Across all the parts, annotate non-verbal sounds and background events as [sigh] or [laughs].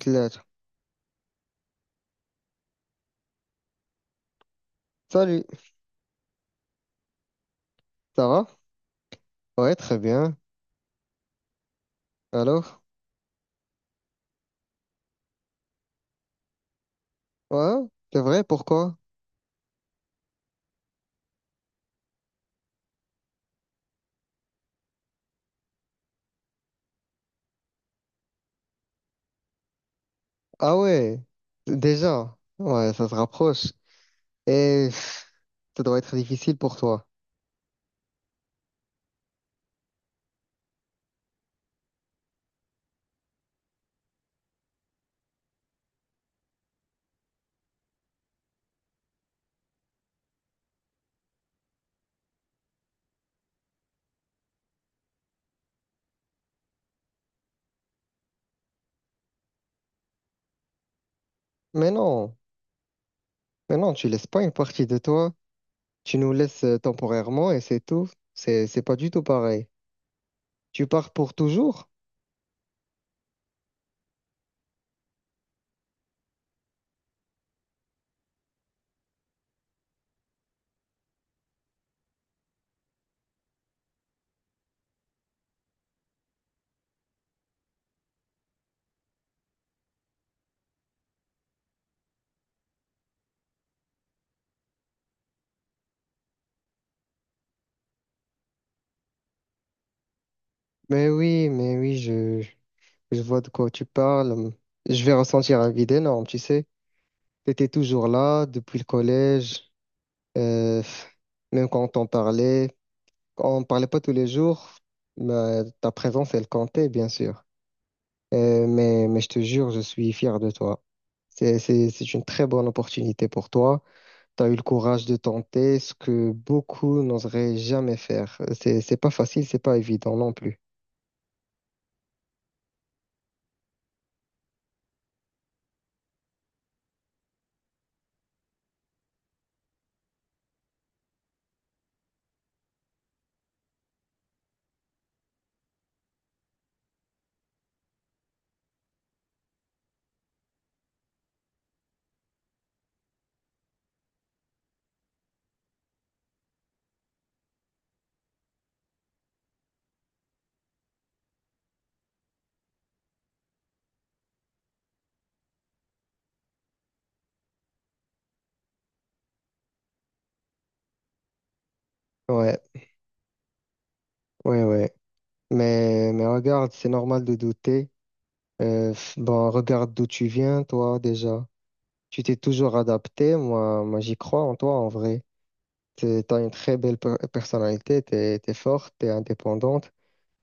Claire. Salut, ça va? Ouais, très bien. Alors? Ouais, c'est vrai, pourquoi? Ah ouais, déjà. Ouais, ça se rapproche. Et pff, ça doit être difficile pour toi. Mais non, mais non, tu laisses pas une partie de toi. Tu nous laisses temporairement et c'est tout. C'est pas du tout pareil. Tu pars pour toujours? Mais oui, je vois de quoi tu parles. Je vais ressentir un vide énorme, tu sais. T'étais toujours là depuis le collège. Euh, Même quand on parlait pas tous les jours, mais ta présence, elle comptait, bien sûr. Mais je te jure, je suis fier de toi. C'est une très bonne opportunité pour toi. Tu as eu le courage de tenter ce que beaucoup n'oseraient jamais faire. C'est pas facile, c'est pas évident non plus. Ouais, ouais, ouais. Mais regarde, c'est normal de douter. Bon, regarde d'où tu viens, toi, déjà. Tu t'es toujours adapté. Moi, j'y crois en toi, en vrai. Tu as une très belle personnalité, tu es forte, tu es indépendante,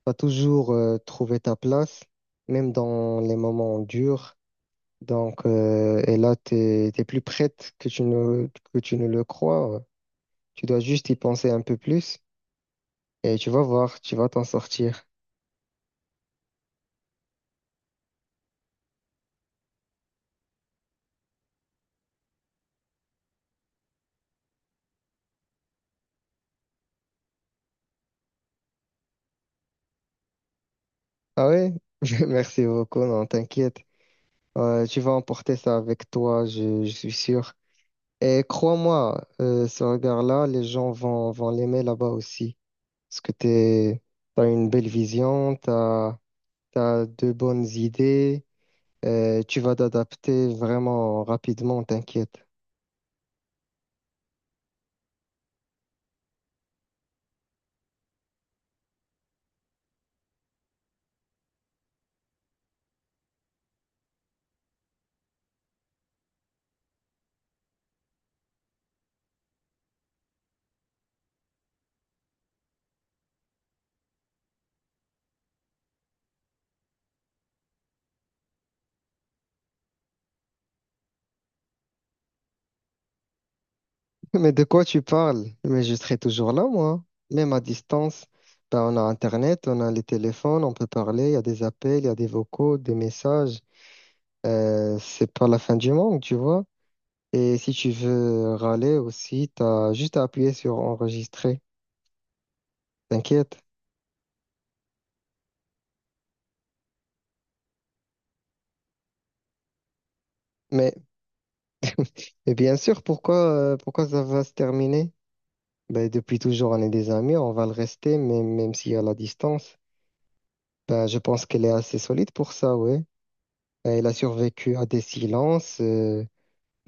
tu as toujours trouvé ta place, même dans les moments durs. Donc, et là, tu es plus prête que tu ne le crois. Tu dois juste y penser un peu plus et tu vas voir, tu vas t'en sortir. Ah ouais? [laughs] Merci beaucoup, non, t'inquiète. Tu vas emporter ça avec toi, je suis sûr. Et crois-moi, ce regard-là, les gens vont l'aimer là-bas aussi. Parce que t'es, t'as une belle vision, t'as, t'as de bonnes idées, tu vas t'adapter vraiment rapidement, t'inquiète. [laughs] Mais de quoi tu parles? Mais je serai toujours là, moi. Même à distance, ben, on a Internet, on a les téléphones, on peut parler, il y a des appels, il y a des vocaux, des messages. C'est pas la fin du monde, tu vois. Et si tu veux râler aussi, t'as juste à appuyer sur enregistrer, t'inquiète. Mais, mais bien sûr, pourquoi ça va se terminer? Ben, depuis toujours, on est des amis, on va le rester, même s'il y a la distance. Ben, je pense qu'elle est assez solide pour ça, ouais. Ben, elle a survécu à des silences. Euh,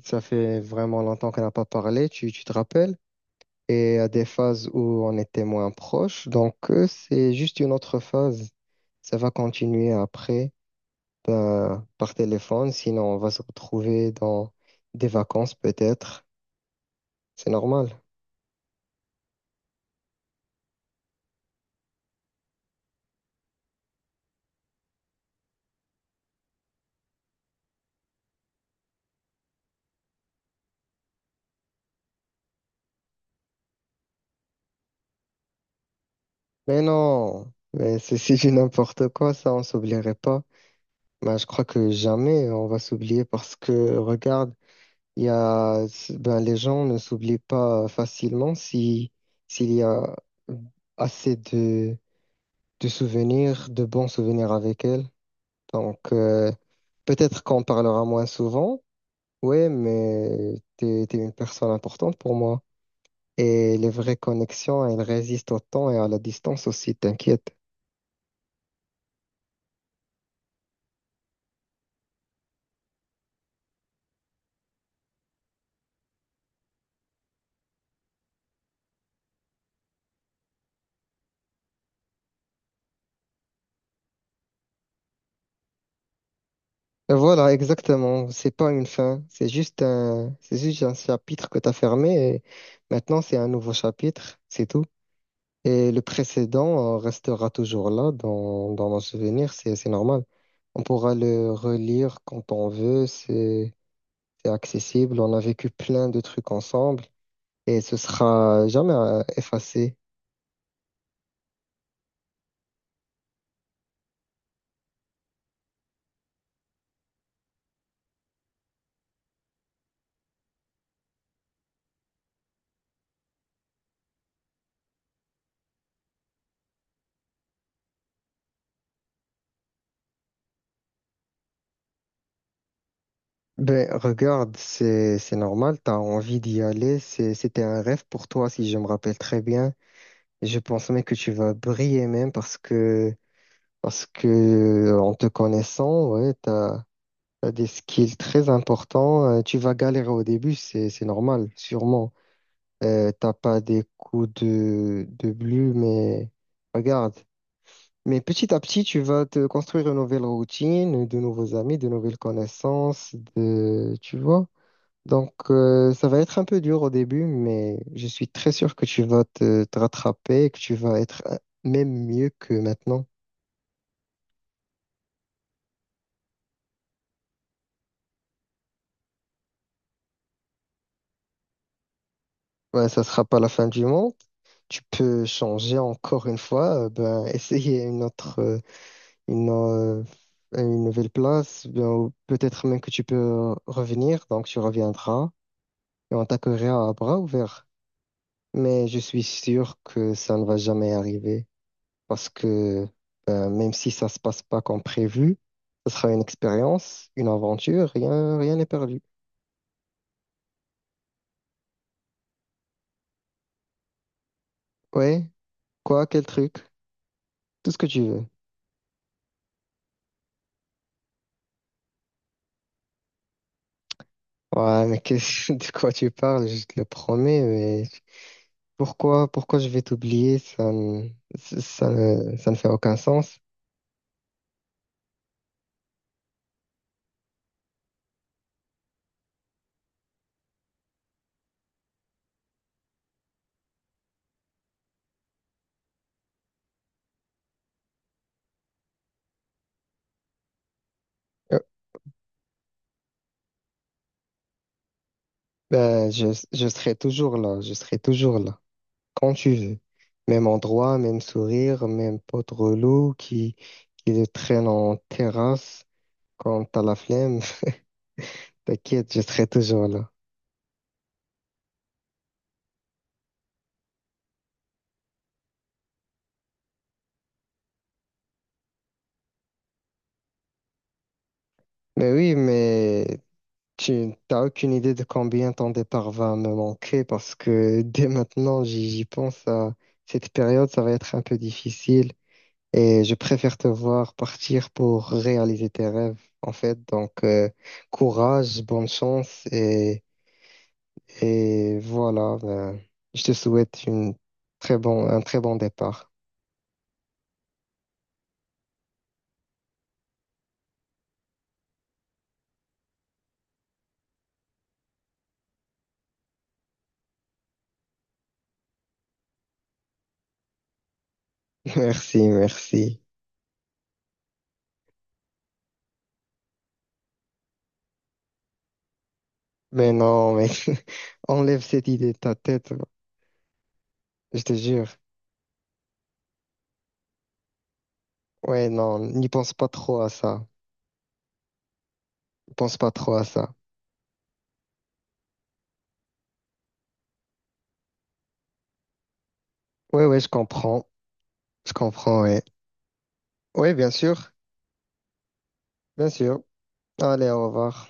ça fait vraiment longtemps qu'on n'a pas parlé, tu te rappelles? Et à des phases où on était moins proches. Donc, c'est juste une autre phase. Ça va continuer après, ben, par téléphone. Sinon, on va se retrouver dans des vacances, peut-être. C'est normal. Mais non, mais c'est du n'importe quoi, ça, on s'oublierait pas. Ben, je crois que jamais on va s'oublier parce que regarde, il y a, ben, les gens ne s'oublient pas facilement si, s'il y a mmh, assez de souvenirs, de bons souvenirs avec elles. Donc, peut-être qu'on parlera moins souvent, ouais, mais t'es une personne importante pour moi. Et les vraies connexions, elles résistent au temps et à la distance aussi, t'inquiète. Voilà, exactement. C'est pas une fin. C'est juste un chapitre que tu as fermé et maintenant c'est un nouveau chapitre. C'est tout. Et le précédent restera toujours là dans nos souvenirs. C'est normal. On pourra le relire quand on veut. C'est accessible. On a vécu plein de trucs ensemble et ce sera jamais effacé. Ben, regarde, c'est normal. T'as envie d'y aller. C'était un rêve pour toi, si je me rappelle très bien. Je pense même que tu vas briller même parce que en te connaissant, ouais, t'as des skills très importants. Tu vas galérer au début, c'est normal, sûrement. T'as pas des coups de bleu, mais regarde. Mais petit à petit, tu vas te construire une nouvelle routine, de nouveaux amis, de nouvelles connaissances, de tu vois. Donc, ça va être un peu dur au début, mais je suis très sûr que tu vas te rattraper, et que tu vas être même mieux que maintenant. Ouais, ça sera pas la fin du monde. Tu peux changer encore une fois, ben, [laughs] essayer une autre, une, euh, une nouvelle place, ben, ou peut-être même que tu peux revenir, donc tu reviendras et on t'accueillera à bras ouverts. Mais je suis sûr que ça ne va jamais arriver. Parce que même si ça se passe pas comme prévu, ce sera une expérience, une aventure, rien n'est perdu. Ouais, quel truc, tout ce que tu veux. Ouais, mais qu'est-ce [laughs] de quoi tu parles, je te le promets, mais pourquoi je vais t'oublier, ça ne fait aucun sens. Euh, ben, je serai toujours là, quand tu veux. Même endroit, même sourire, même pote relou qui le traîne en terrasse quand t'as la flemme. T'inquiète, je serai toujours là. Mais oui, mais tu t'as aucune idée de combien ton départ va me manquer parce que [laughs] dès maintenant, j'y pense à cette période, ça va être un peu difficile et je préfère te voir partir pour réaliser tes rêves, en fait. Donc, courage, bonne chance et voilà, ben, je te souhaite une très bon, un très bon départ. [laughs] Merci, merci. Mais non, mais [laughs] enlève cette idée de ta tête. Je te jure. Ouais, non, n'y pense pas trop à ça. N'y pense pas trop à ça. Ouais, ouais, je comprends. Je comprends, ouais. Ouais, bien sûr. Bien sûr. Allez, au revoir.